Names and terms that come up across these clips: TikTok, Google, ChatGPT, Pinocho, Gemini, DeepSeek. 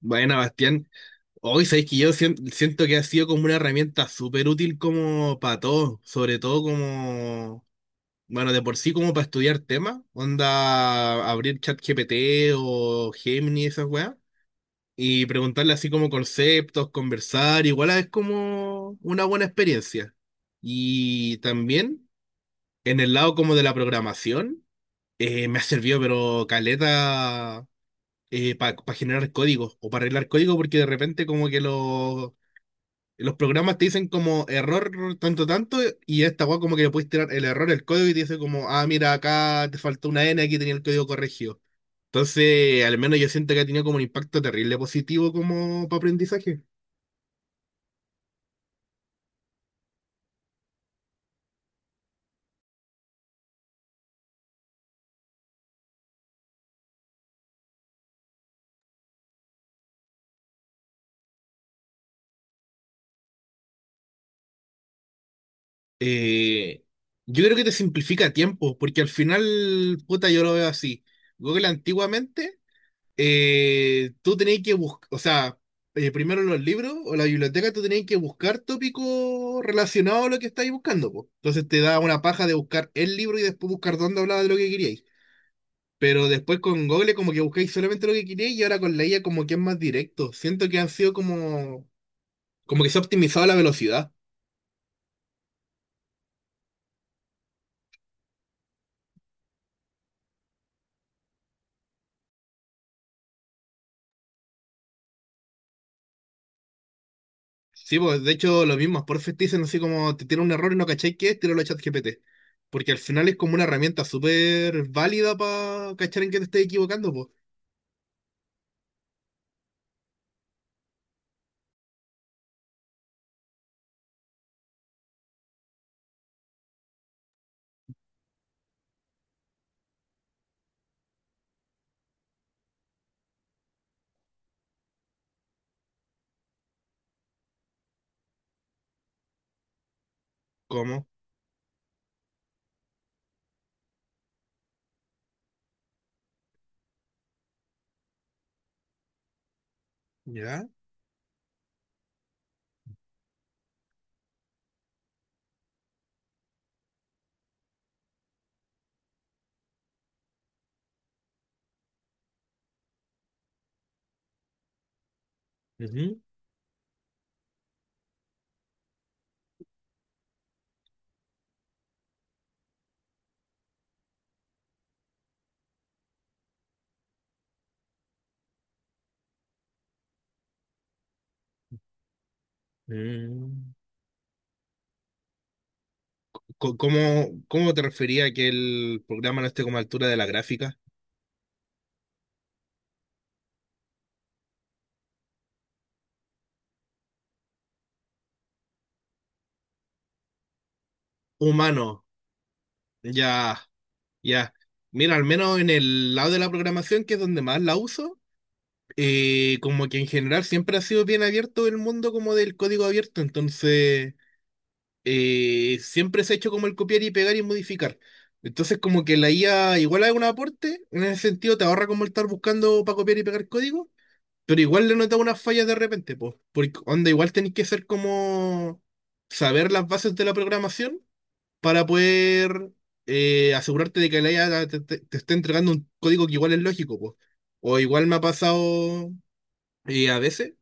Bueno, Bastián, hoy sabéis que yo siento que ha sido como una herramienta súper útil como para todo, sobre todo como, bueno, de por sí como para estudiar temas, onda abrir ChatGPT o Gemini, esas weas, y preguntarle así como conceptos, conversar, igual es como una buena experiencia. Y también en el lado como de la programación, me ha servido pero caleta para generar códigos o para arreglar código porque de repente como que los programas te dicen como error tanto tanto y esta weá como que le puedes tirar el error, el código y te dice como, ah, mira, acá te faltó una N, aquí tenía el código corregido. Entonces, al menos yo siento que ha tenido como un impacto terrible positivo como para aprendizaje. Eh, yo creo que te simplifica tiempo, porque al final, puta, yo lo veo así. Google antiguamente, tú tenés que buscar, o sea, primero los libros o la biblioteca, tú tenés que buscar tópicos relacionados a lo que estáis buscando, po. Entonces te da una paja de buscar el libro y después buscar dónde hablaba de lo que queríais. Pero después con Google como que buscáis solamente lo que queríais y ahora con la IA como que es más directo. Siento que han sido como que se ha optimizado la velocidad. Sí, pues de hecho lo mismo, por te dicen así como te tiene un error y no cacháis qué es, tíralo a ChatGPT. Porque al final es como una herramienta súper válida para cachar en qué te estés equivocando, pues. ¿Cómo? ¿Ya? Ujú. Mm. Co- ¿Cómo, cómo te refería a que el programa no esté como a altura de la gráfica? Humano, ya, ya. Mira, al menos en el lado de la programación, que es donde más la uso, como que en general siempre ha sido bien abierto el mundo como del código abierto, entonces, siempre se ha hecho como el copiar y pegar y modificar. Entonces como que la IA igual es un aporte, en ese sentido te ahorra como el estar buscando para copiar y pegar código. Pero igual le notaba unas fallas de repente, pues. Porque onda, igual tenéis que ser como saber las bases de la programación para poder, asegurarte de que la IA te esté entregando un código que igual es lógico, pues. O igual me ha pasado, a veces,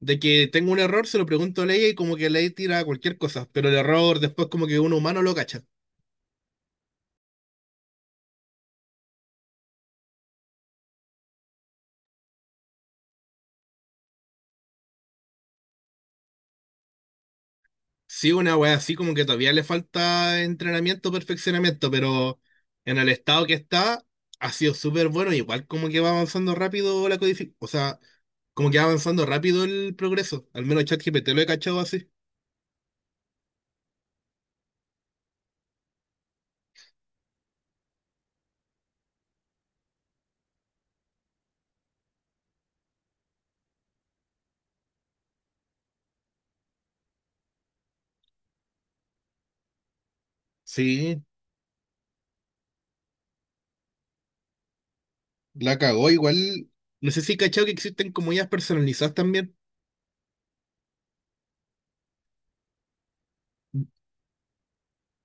de que tengo un error, se lo pregunto a la IA y como que la IA tira cualquier cosa, pero el error después como que un humano lo cacha. Sí, una wea así como que todavía le falta entrenamiento, perfeccionamiento, pero en el estado que está ha sido súper bueno, igual como que va avanzando rápido la codificación, o sea, como que va avanzando rápido el progreso, al menos ChatGPT lo he cachado así. Sí, la cagó igual. No sé si he cachado que existen comunidades personalizadas también.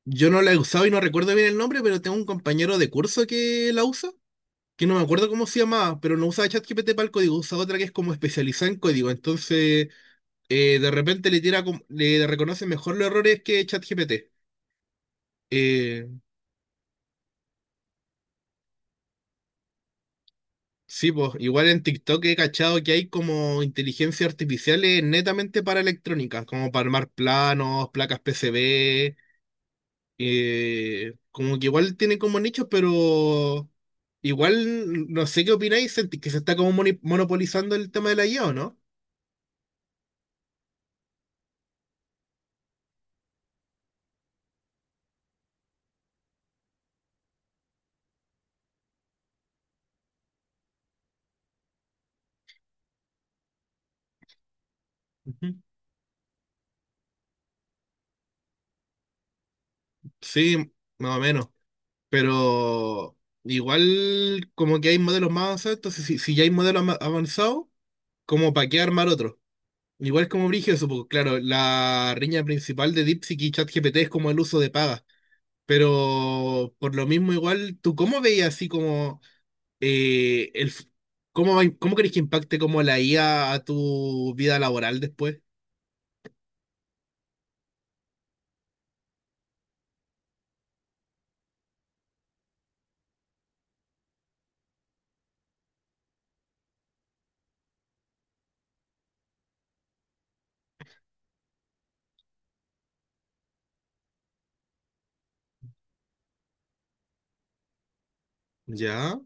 Yo no la he usado y no recuerdo bien el nombre, pero tengo un compañero de curso que la usa, que no me acuerdo cómo se llamaba, pero no usa ChatGPT para el código, usa otra que es como especializada en código, entonces, de repente le tira le reconoce mejor los errores que ChatGPT. Eh, sí, pues igual en TikTok he cachado que hay como inteligencia artificiales netamente para electrónica, como para armar planos, placas PCB, como que igual tiene como nichos, pero igual no sé qué opináis, sentís que se está como monopolizando el tema de la IA, ¿o no? Ujú. Sí, más o menos. Pero igual como que hay modelos más avanzados, entonces si ya hay modelos avanzados, como para qué armar otro. Igual es como brígido eso, porque claro, la riña principal de DeepSeek y ChatGPT es como el uso de pagas. Pero por lo mismo igual, ¿tú cómo veías así como, eh, el f- cómo crees que impacte como la IA a tu vida laboral después? ¿Ya?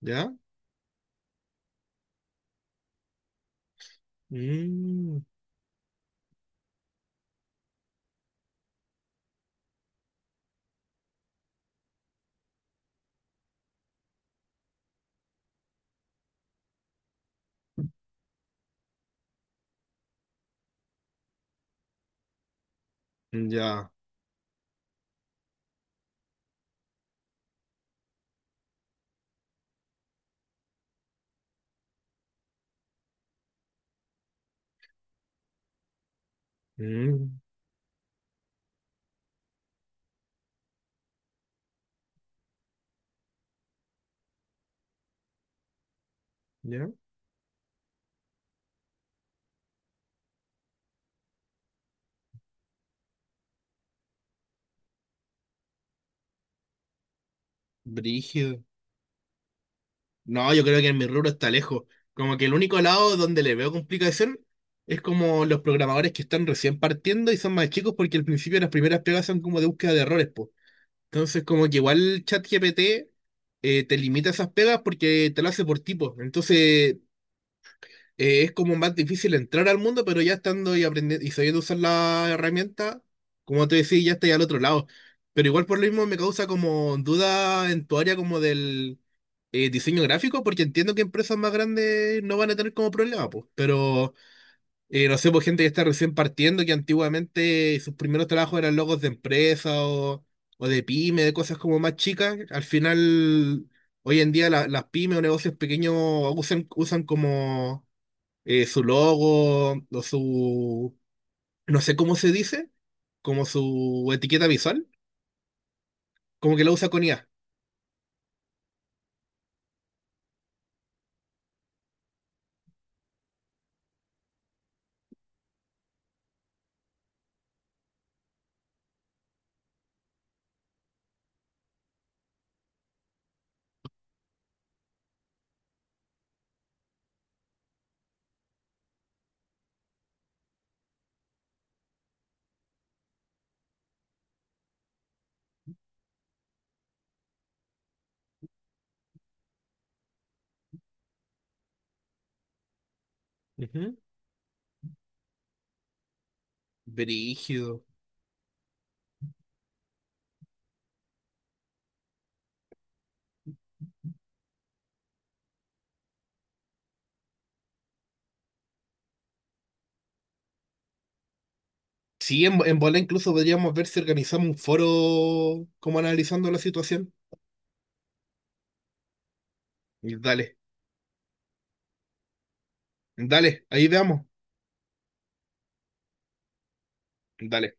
¿Ya? Mm, ya. Mm, ¿ya? Brígido. No, yo creo que en mi rubro está lejos. Como que el único lado donde le veo complicación es como los programadores que están recién partiendo y son más chicos porque al principio las primeras pegas son como de búsqueda de errores, po. Entonces como que igual ChatGPT, te limita esas pegas porque te lo hace por tipo. Entonces, es como más difícil entrar al mundo, pero ya estando y aprendiendo y sabiendo usar la herramienta, como te decía, ya estoy al otro lado. Pero igual por lo mismo me causa como duda en tu área como del, diseño gráfico, porque entiendo que empresas más grandes no van a tener como problema, pues. Pero, no sé, pues gente que está recién partiendo, que antiguamente sus primeros trabajos eran logos de empresa o de pyme, de cosas como más chicas. Al final, hoy en día las pymes o negocios pequeños usan como, su logo o su, no sé cómo se dice, como su etiqueta visual, como que la usa con IA. Ujú. Brígido. Sí, en bola incluso podríamos ver si organizamos un foro como analizando la situación. Y dale, dale, ahí veamos. Dale.